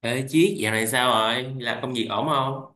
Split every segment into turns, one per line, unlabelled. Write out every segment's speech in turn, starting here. Ê Chiết, dạo này sao rồi? Làm công việc ổn không?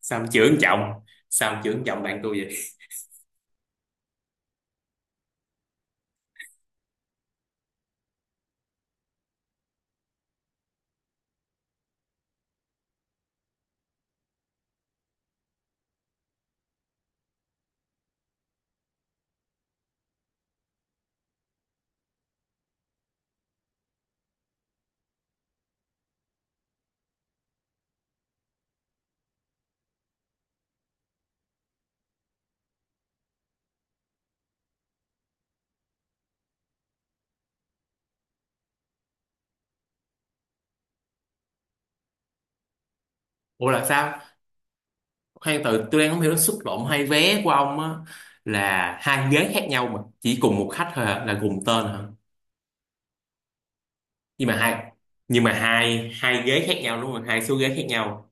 Sao ông chưởng chồng? Sao ông chưởng chồng bạn tôi vậy? Ủa là sao? Khoan từ tôi đang không hiểu xúc động hai vé của ông á, là hai ghế khác nhau mà chỉ cùng một khách thôi hả? Là cùng tên hả? Nhưng mà hai nhưng mà hai hai ghế khác nhau đúng không? Hai số ghế khác nhau.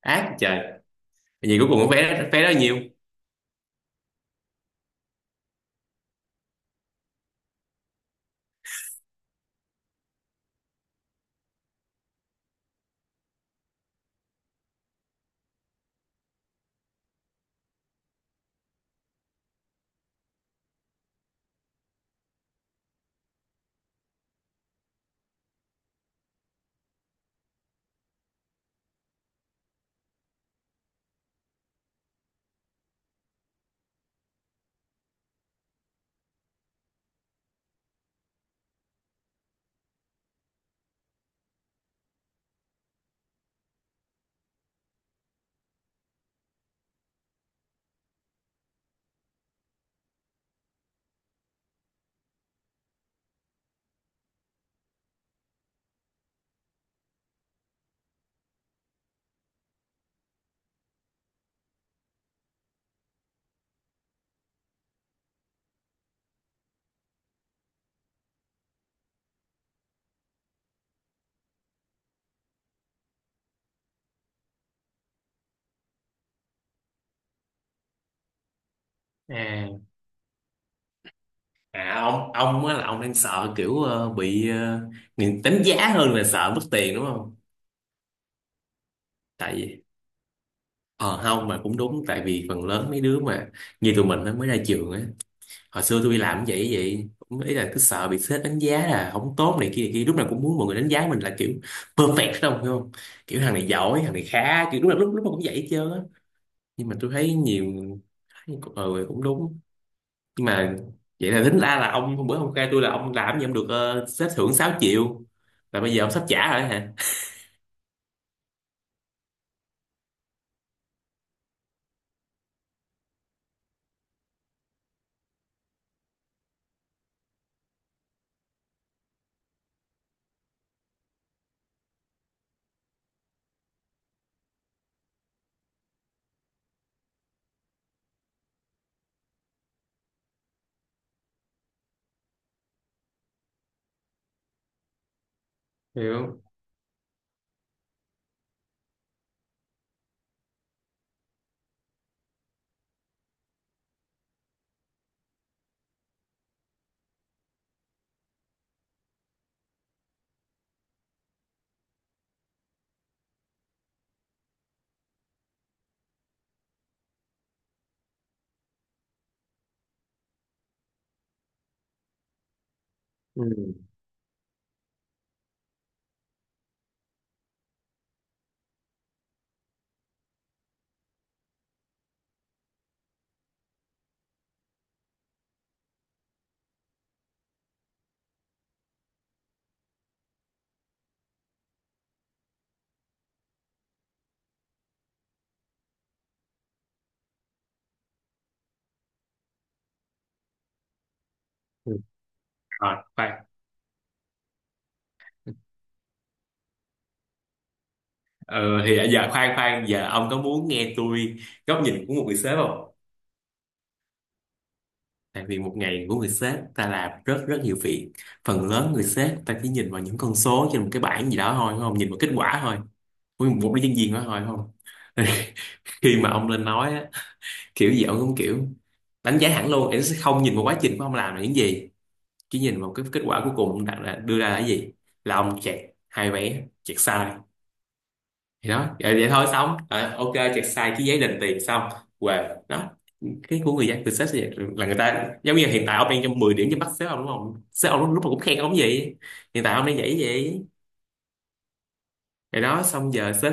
Ác trời. Vậy cuối cùng cái vé đó nhiều. À, à, ông á là ông đang sợ kiểu bị người đánh giá hơn là sợ mất tiền đúng không? Tại vì Ờ không mà cũng đúng, tại vì phần lớn mấy đứa mà như tụi mình nó mới ra trường á, hồi xưa tôi đi làm cũng vậy vậy, cũng ý là cứ sợ bị sếp đánh giá là không tốt này kia này kia, lúc nào cũng muốn mọi người đánh giá mình là kiểu perfect đâu hiểu không, kiểu thằng này giỏi thằng này khá, kiểu lúc nào lúc nào cũng vậy hết trơn á, nhưng mà tôi thấy nhiều, ừ cũng đúng, nhưng mà vậy là tính ra là ông hôm bữa ông khai tôi là ông làm gì ông được sếp thưởng 6 triệu, là bây giờ ông sắp trả rồi hả, hiểu không? Ừ. Ừ. Rồi bye. Ờ, thì à, giờ khoan khoan, giờ ông có muốn nghe tôi góc nhìn của một người sếp không? Tại vì một ngày của người sếp ta làm rất rất nhiều việc. Phần lớn người sếp ta chỉ nhìn vào những con số trên một cái bảng gì đó thôi đúng không? Nhìn vào kết quả thôi. Với một cái nhân viên đó thôi đúng không? Khi mà ông lên nói á, kiểu gì ông cũng kiểu đánh giá hẳn luôn. Em sẽ không nhìn vào quá trình của ông làm là những gì. Chỉ nhìn vào cái kết quả cuối cùng ông đặt ra, đưa ra là cái gì. Là ông chẹt hai vé, chẹt sai. Thì đó vậy, vậy thôi xong. Ờ, ok chẹt sai cái giấy đền tiền xong, và đó cái của người dân từ sếp sẽ vậy, là người ta giống như hiện tại ông đang cho 10 điểm cho bắt sếp ông đúng không, sếp ông lúc lúc mà cũng khen ông vậy, hiện tại ông đang vậy vậy rồi đó, xong giờ sếp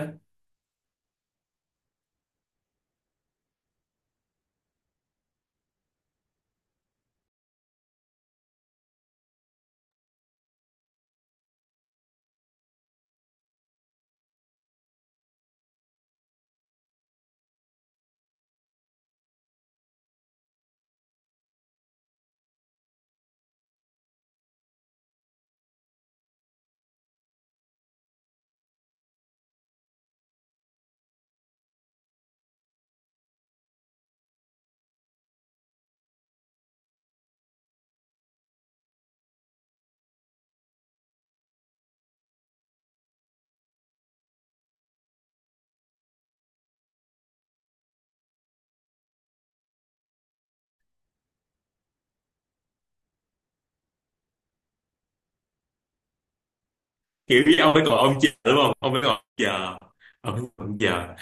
kiểu như ông phải còn ông chờ đúng không, ông phải còn ông chờ, ông phải còn ông giờ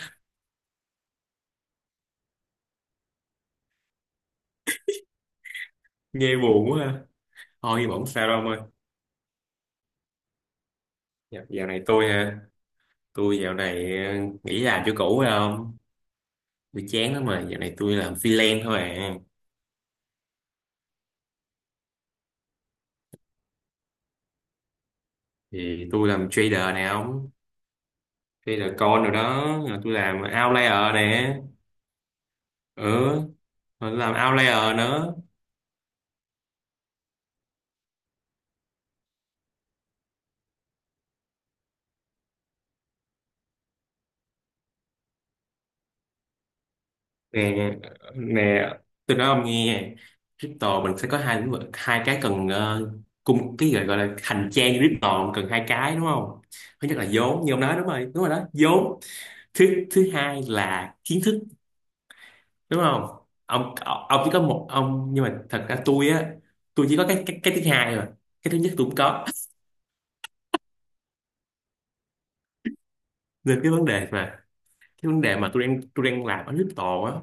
nghe buồn quá ha, thôi nhưng mà không sao đâu ông ơi. Dạ, dạo này tôi ha, tôi dạo này nghỉ làm chỗ cũ phải không, tôi chán lắm mà, dạo này tôi làm freelance thôi à, thì tôi làm trader nè ông. Đây là con rồi đó, là tôi làm outlayer nè. Ừ, tôi làm outlayer nữa. Nè, nè, tôi nói ông nghe, crypto mình sẽ có hai lĩnh vực, hai cái cần cung, cái gọi là hành trang crypto cần hai cái đúng không, thứ nhất là vốn như ông nói, đúng rồi đó vốn, thứ thứ hai là kiến thức, đúng không ông, chỉ có một ông nhưng mà thật ra tôi á, tôi chỉ có cái thứ hai rồi, cái thứ nhất tôi cũng có, nên cái vấn đề mà cái vấn đề mà tôi đang làm ở crypto á,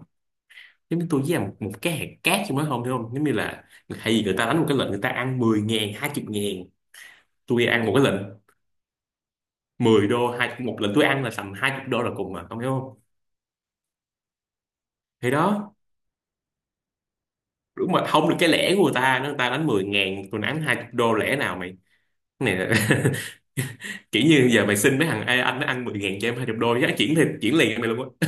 giống như tôi với một cái hạt cát trong đó không hiểu không, giống như là hay gì người ta đánh một cái lệnh người ta ăn 10.000 20 ngàn, tôi ăn một cái lệnh 10 đô, hai một lệnh tôi ăn là tầm 20 đô là cùng mà không hiểu không, thì đó, đúng mà không được cái lẻ của người ta, nó người ta đánh 10.000 tôi đánh 20 đô lẻ nào mày, cái này là kiểu như giờ mày xin mấy thằng "Ê, anh nó ăn 10.000 cho em 20 đô giá chuyển thì chuyển liền cho mày luôn á,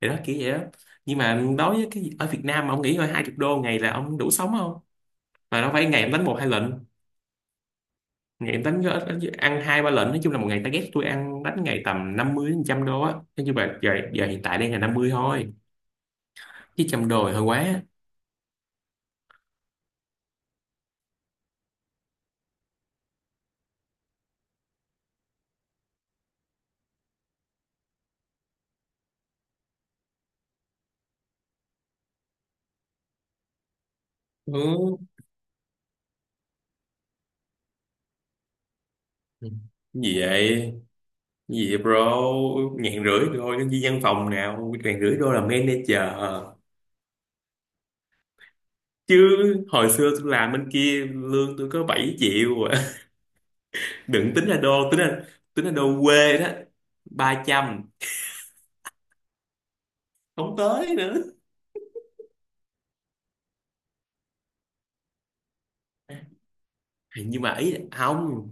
thì đó kiểu vậy đó, nhưng mà đối với cái ở Việt Nam mà ông nghĩ coi 20 đô ngày là ông đủ sống không, mà đâu phải ngày ông đánh một hai lệnh, ngày em đánh ăn hai ba lệnh, nói chung là một ngày target tôi ăn đánh ngày tầm 50 đến 100 đô á, nói chung là giờ hiện tại đang là 50 thôi, chứ 100 đô thì hơi quá. Ừ. Gì vậy, gì vậy bro, 1.500 thôi nhân viên văn phòng nào 1.500 đô là manager chứ, hồi xưa tôi làm bên kia lương tôi có 7 triệu à. Đừng tính là đô, tính là đô quê đó, 300 không tới nữa. Nhưng mà ý là không,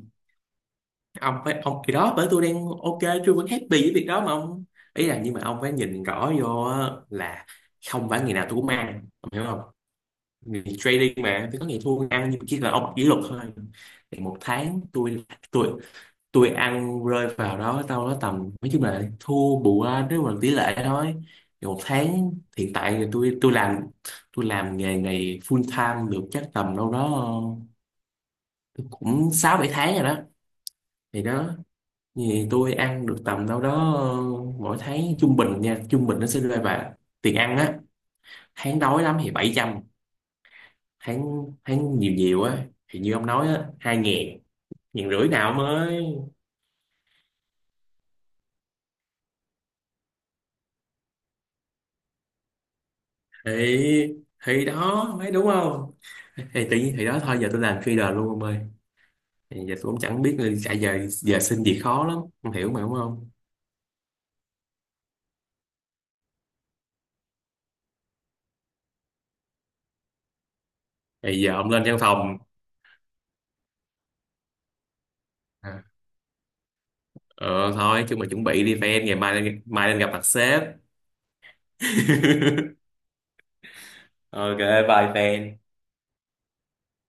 ông phải ông thì đó, bởi tôi đang ok, tôi vẫn happy với việc đó mà ông, ý là nhưng mà ông phải nhìn rõ vô á, là không phải ngày nào tôi cũng ăn ông hiểu không, người trading mà thì có ngày thua ăn, nhưng mà chỉ là ông kỷ luật thôi, thì một tháng tôi tôi tôi ăn rơi vào đó đâu đó tầm, nói chung là thua bù ra nếu mà tỷ lệ thôi, thì một tháng hiện tại thì tôi làm nghề này full time được chắc tầm đâu đó ờ, cũng 6 7 tháng rồi đó, thì đó. Thì tôi ăn được tầm đâu đó mỗi tháng trung bình nha, trung bình nó sẽ rơi vào tiền ăn á, tháng đói lắm thì 700, tháng tháng nhiều nhiều á thì như ông nói á, 2.000, 1.500 nào mới, thì thì đó mấy đúng không, thì tự nhiên thì đó thôi, giờ tôi làm trader luôn ông ơi, thì giờ tôi cũng chẳng biết là chạy giờ giờ xin việc khó lắm không hiểu mà đúng không, thì giờ ông lên văn phòng. À. Ờ thôi chứ mà chuẩn bị đi fan ngày mai, mai lên gặp mặt sếp. Ok, bye fan.